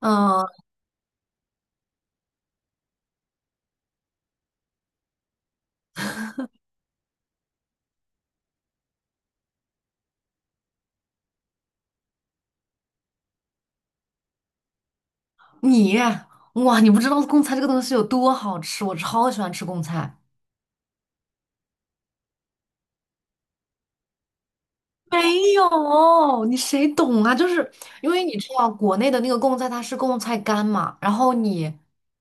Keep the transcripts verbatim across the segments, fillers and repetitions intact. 嗯，你哇，你不知道贡菜这个东西有多好吃，我超喜欢吃贡菜。没有，你谁懂啊？就是因为你知道国内的那个贡菜，它是贡菜干嘛，然后你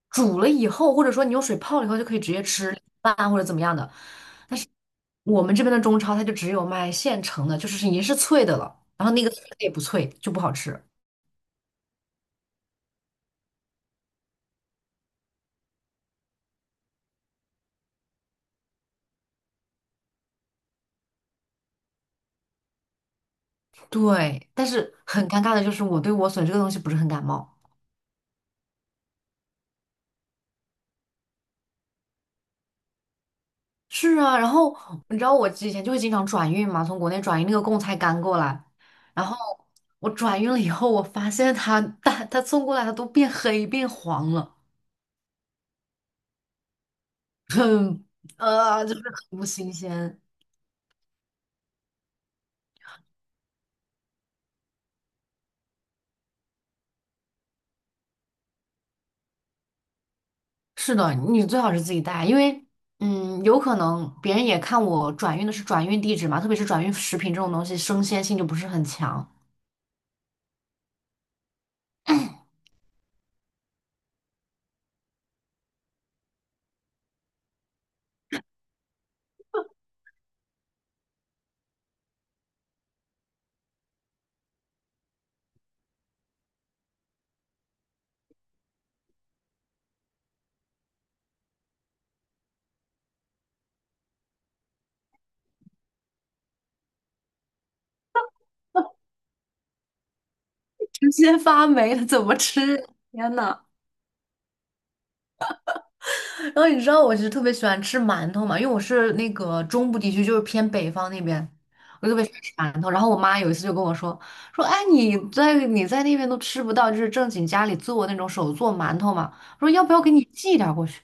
煮了以后，或者说你用水泡了以后，就可以直接吃饭或者怎么样的。我们这边的中超它就只有卖现成的，就是已经是脆的了，然后那个脆的也不脆，就不好吃。对，但是很尴尬的就是我对莴笋这个东西不是很感冒。是啊，然后你知道我之前就会经常转运嘛，从国内转运那个贡菜干过来，然后我转运了以后，我发现它它它送过来它都变黑变黄了，很呃就是很不新鲜。是的，你最好是自己带，因为嗯，有可能别人也看我转运的是转运地址嘛，特别是转运食品这种东西，生鲜性就不是很强，直接发霉了怎么吃？天呐！然后你知道我其实特别喜欢吃馒头嘛，因为我是那个中部地区，就是偏北方那边，我特别喜欢吃馒头。然后我妈有一次就跟我说说，哎，你在你在那边都吃不到，就是正经家里做那种手做馒头嘛。我说要不要给你寄点儿过去？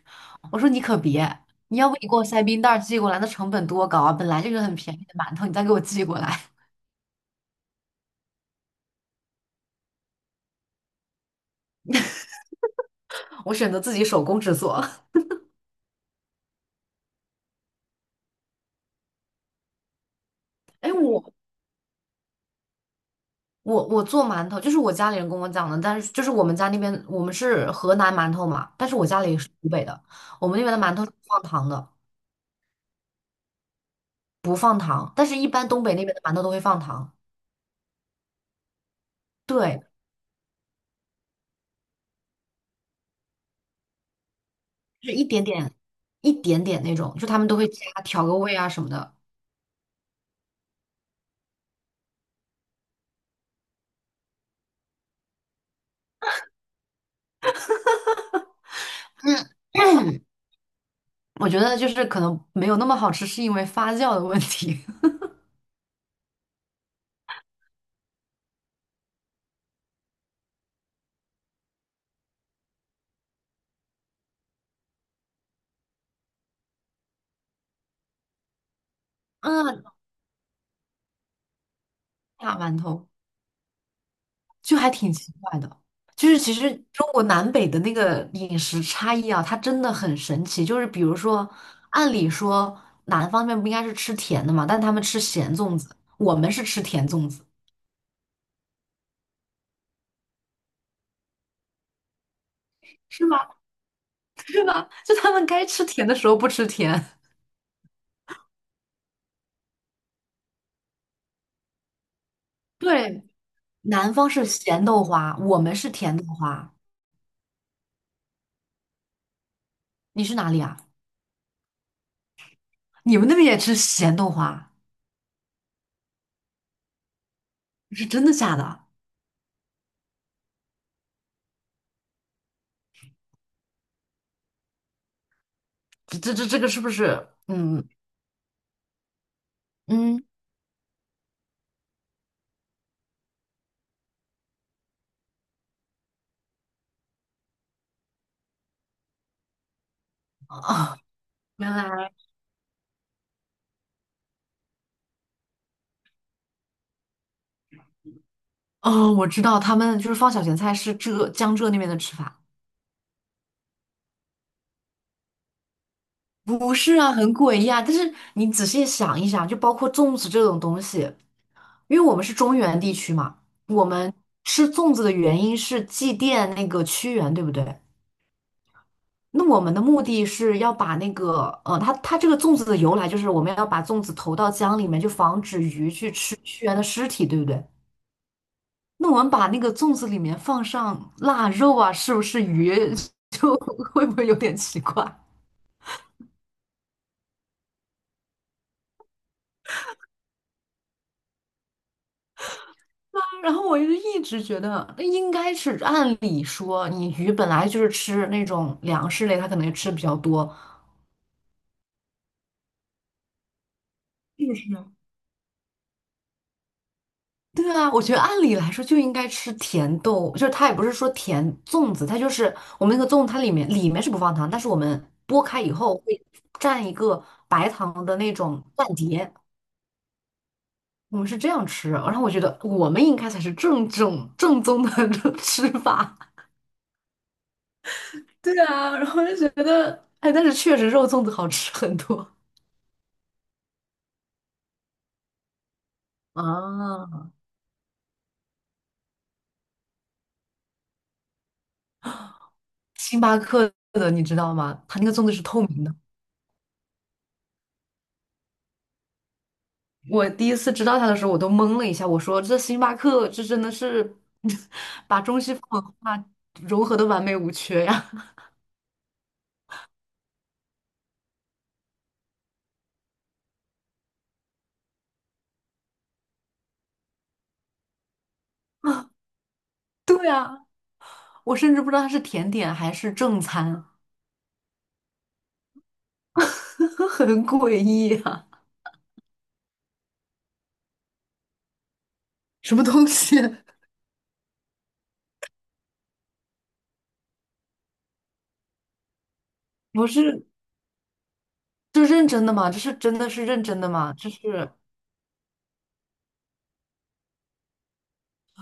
我说你可别，你要不你给我塞冰袋儿寄过来，那成本多高啊！本来就是很便宜的馒头，你再给我寄过来，我选择自己手工制作。哎，我我我做馒头，就是我家里人跟我讲的，但是就是我们家那边我们是河南馒头嘛，但是我家里是湖北的，我们那边的馒头是不放糖的，不放糖，但是一般东北那边的馒头都会放糖，对，就是一点点一点点那种，就他们都会加调个味啊什么的。我觉得就是可能没有那么好吃，是因为发酵的问题。嗯，大馒头。就还挺奇怪的。就是其实中国南北的那个饮食差异啊，它真的很神奇。就是比如说，按理说南方面不应该是吃甜的嘛，但他们吃咸粽子，我们是吃甜粽子，是吗？是吗？就他们该吃甜的时候不吃甜。对，南方是咸豆花，我们是甜豆花。你是哪里啊？你们那边也吃咸豆花？是真的假的？这这这这个是不是？嗯嗯啊，原来。哦，我知道他们就是放小咸菜是浙江浙那边的吃法，不是啊，很诡异啊。但是你仔细想一想，就包括粽子这种东西，因为我们是中原地区嘛，我们吃粽子的原因是祭奠那个屈原，对不对？那我们的目的是要把那个，呃，它它这个粽子的由来就是我们要把粽子投到江里面，就防止鱼去吃屈原的尸体，对不对？那我们把那个粽子里面放上腊肉啊，是不是鱼 就会不会有点奇怪？然后我就一直觉得，那应该是按理说，你鱼本来就是吃那种粮食类，它可能吃比较多。是不是呢？对啊，我觉得按理来说就应该吃甜豆，就是它也不是说甜粽子，它就是我们那个粽，它里面里面是不放糖，但是我们剥开以后会蘸一个白糖的那种蘸碟，我们是这样吃。然后我觉得我们应该才是正正正宗的 吃法。对啊，然后就觉得，哎，但是确实肉粽子好吃很多。啊，星巴克的你知道吗？它那个粽子是透明的。我第一次知道它的时候，我都懵了一下，我说这星巴克这真的是 把中西方文化融合的完美无缺呀！我甚至不知道它是甜点还是正餐，很诡异啊！什么东西？不是，这认真的吗？这是真的是认真的吗？这是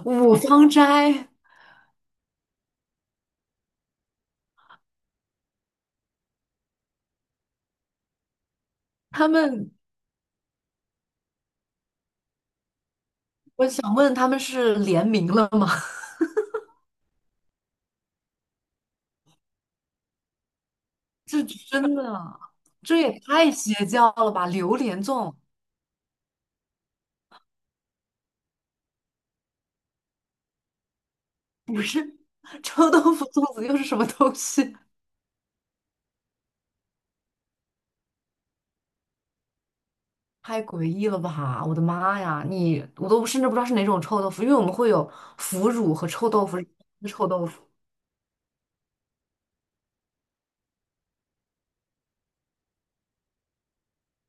五芳斋，他们，我想问他们是联名了吗？这真的，这也太邪教了吧！榴莲粽不是臭豆腐粽子又是什么东西？太诡异了吧！我的妈呀，你我都甚至不知道是哪种臭豆腐，因为我们会有腐乳和臭豆腐。臭豆腐，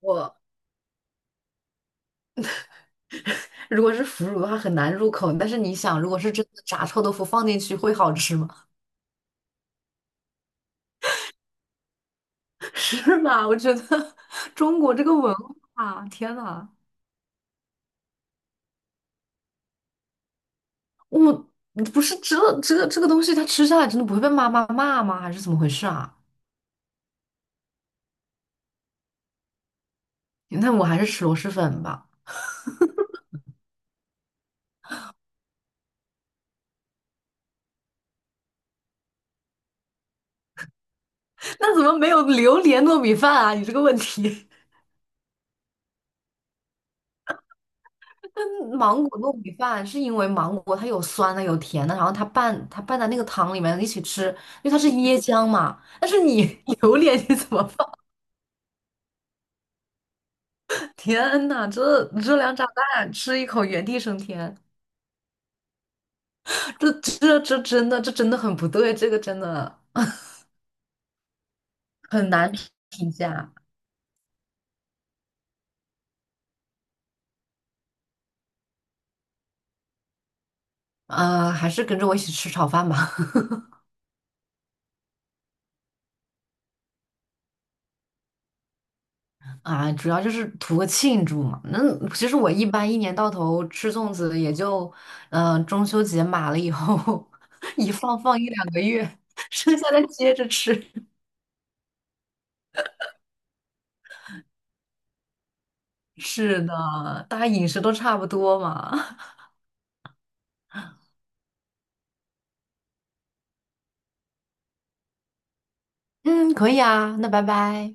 我如果是腐乳的话很难入口，但是你想，如果是真的炸臭豆腐放进去会好吃吗？是吧？我觉得 中国这个文化，天呐！我不是这这个这个东西，它吃下来真的不会被妈妈骂吗？还是怎么回事啊？那我还是吃螺蛳粉吧。那怎么没有榴莲糯米饭啊？你这个问题，那芒果糯米饭是因为芒果它有酸的有甜的，然后它拌它拌在那个汤里面一起吃，因为它是椰浆嘛。但是你 榴莲你怎么放？天呐，这热量炸弹吃一口原地升天，这这这真的这真的很不对，这个真的很难评价。呃，还是跟着我一起吃炒饭吧。啊，主要就是图个庆祝嘛。那其实我一般一年到头吃粽子，也就嗯、呃中秋节码了以后，一放放一两个月，剩下的接着吃。是的，大家饮食都差不多嘛。嗯，可以啊，那拜拜。